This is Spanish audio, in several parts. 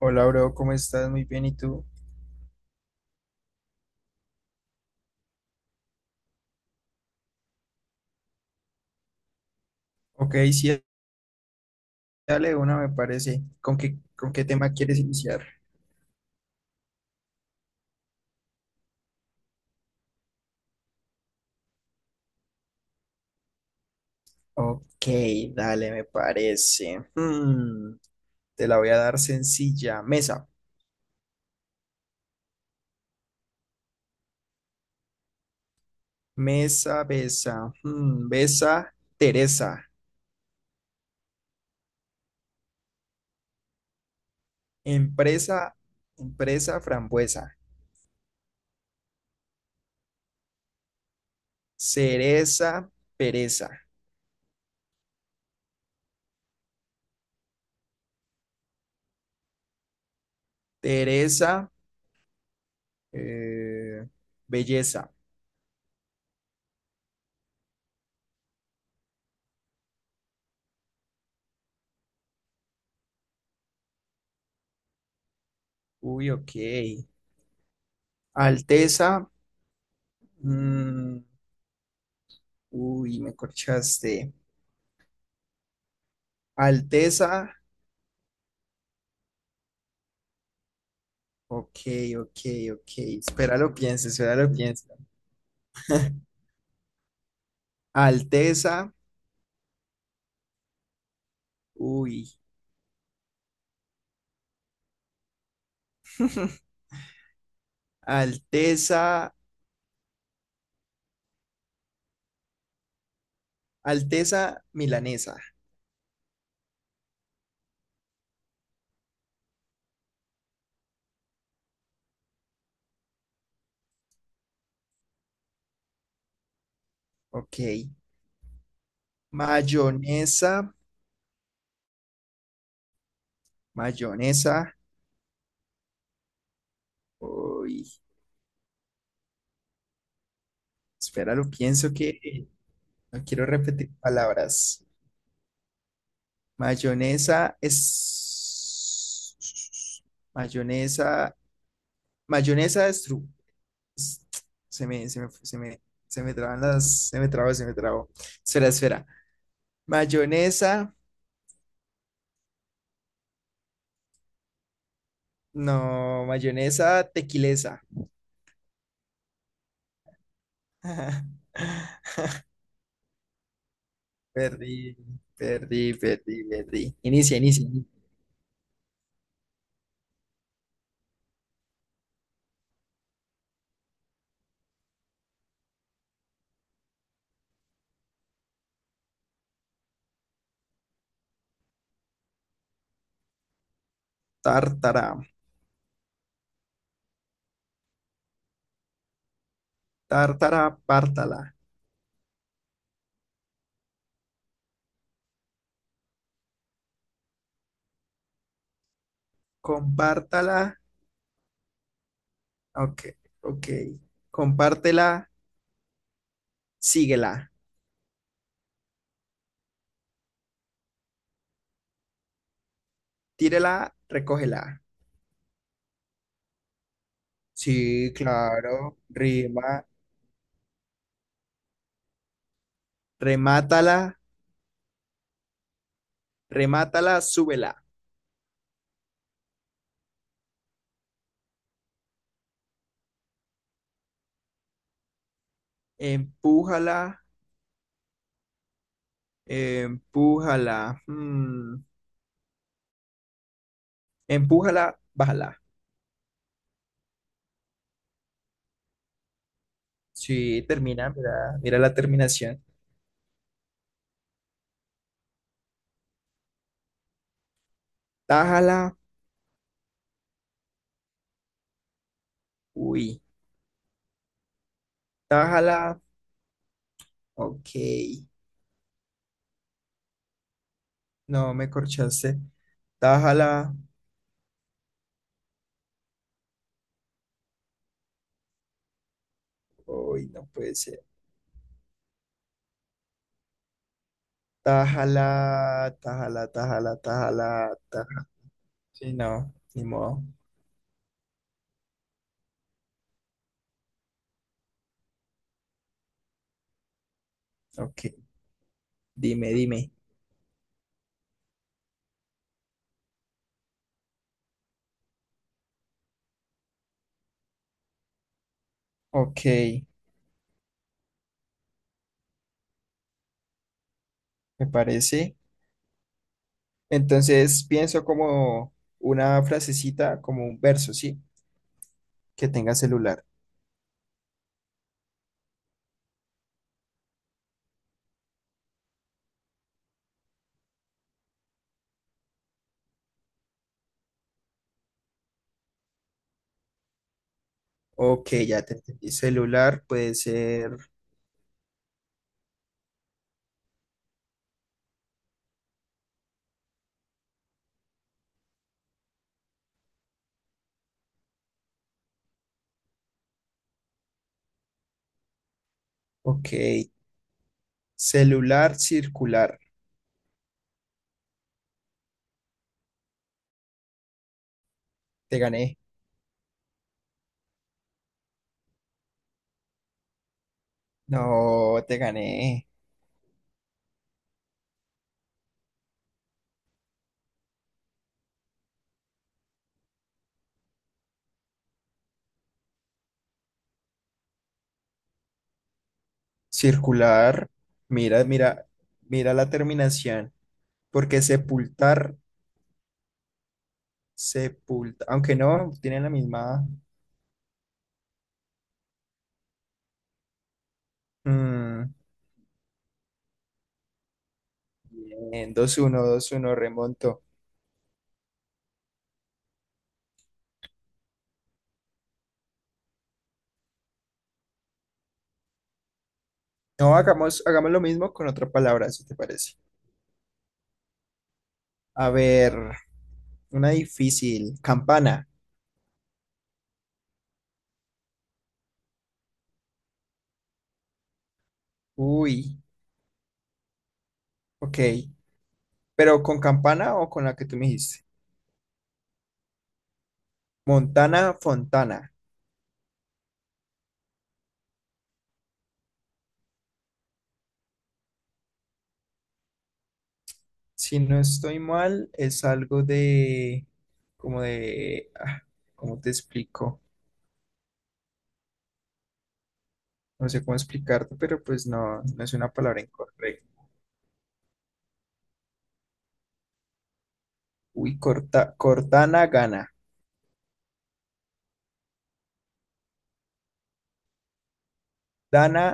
Hola, bro, ¿cómo estás? Muy bien, ¿y tú? Ok, sí, dale una, me parece. ¿Con qué tema quieres iniciar? Ok, dale, me parece. Hmm, te la voy a dar sencilla. Mesa, mesa, besa. Hmm, besa, Teresa. Empresa, empresa, frambuesa. Cereza, pereza. Teresa, eh, belleza. Uy, ok. Alteza, mm, uy, me corchaste. Alteza, ok, ok, ok. Espera, lo pienso, espera, lo pienso. Alteza, uy. Alteza, Alteza milanesa, ok. Mayonesa, mayonesa, uy. Espera, lo pienso que no quiero repetir palabras. Mayonesa es. Mayonesa, mayonesa es true. Se me, se me, se me, se me traban las, se me trabó, se me trabó. Espera, espera. Mayonesa, no, mayonesa tequilesa. Perdí, perdí, perdí, perdí. Inicia, inicia. Inicia. Tártara, tártara, pártala. Compártala. Ok, ok. Compártela, síguela. Tírela, recógela. Sí, claro. Rima, remátala, remátala, súbela. Empújala, empújala, mm, empújala, bájala. Sí, termina, mira, mira la terminación. Tájala, uy, tájala, ok. No, me corchaste. Tájala, uy, no puede ser. Tájala, tájala, tájala, tájala, tájala. Sí, no, ni modo. Ok, dime, dime. Ok, me parece. Entonces pienso como una frasecita, como un verso, ¿sí? Que tenga celular. Ok, ya te entendí. Celular puede ser. Ok. Celular circular. Te gané. No, te gané. Circular. Mira, mira, mira la terminación. Porque sepultar, sepulta. Aunque no, tienen la misma. Mm, Bien, dos uno 2-1, remonto. No, hagamos, hagamos lo mismo con otra palabra, si te parece. A ver, una difícil. Campana. Uy, ok. Pero con campana o con la que tú me dijiste. Montana Fontana. Si no estoy mal, es algo de, como de, ah, ¿cómo te explico? No sé cómo explicarte, pero pues no, no es una palabra incorrecta. Uy, corta, Cortana gana. Dana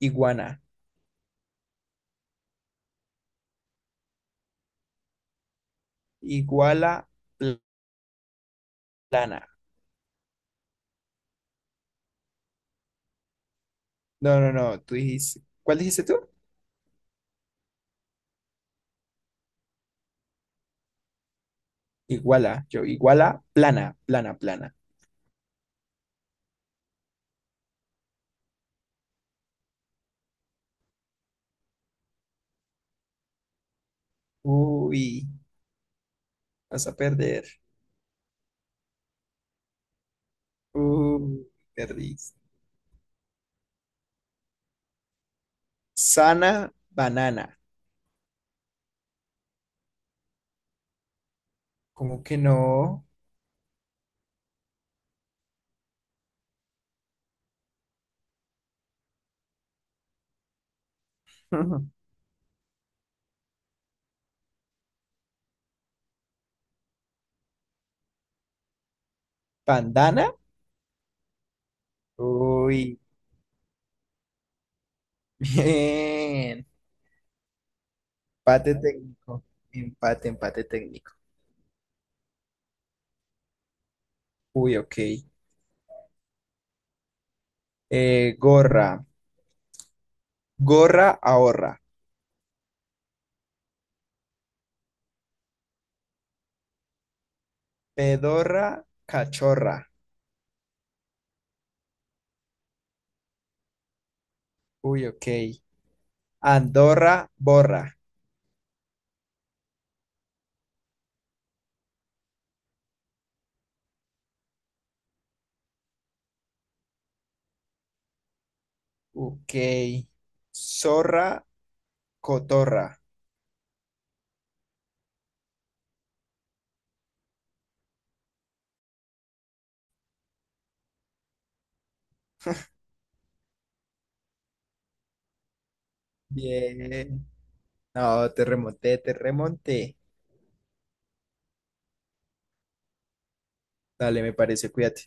iguana. Iguala pl- plana. No, no, no, tú dijiste, ¿cuál dijiste tú? Iguala, yo, iguala plana, plana, plana. Uy, vas a perder. Uy, perdí. Sana banana. ¿Cómo que no? ¿Bandana? Uy, bien. Empate técnico. Empate, empate técnico. Uy, ok. Gorra. Gorra ahorra. Pedorra cachorra. Uy, ok. Andorra borra. Ok. Zorra cotorra. Bien. No, te remonté, te remonté. Dale, me parece, cuídate.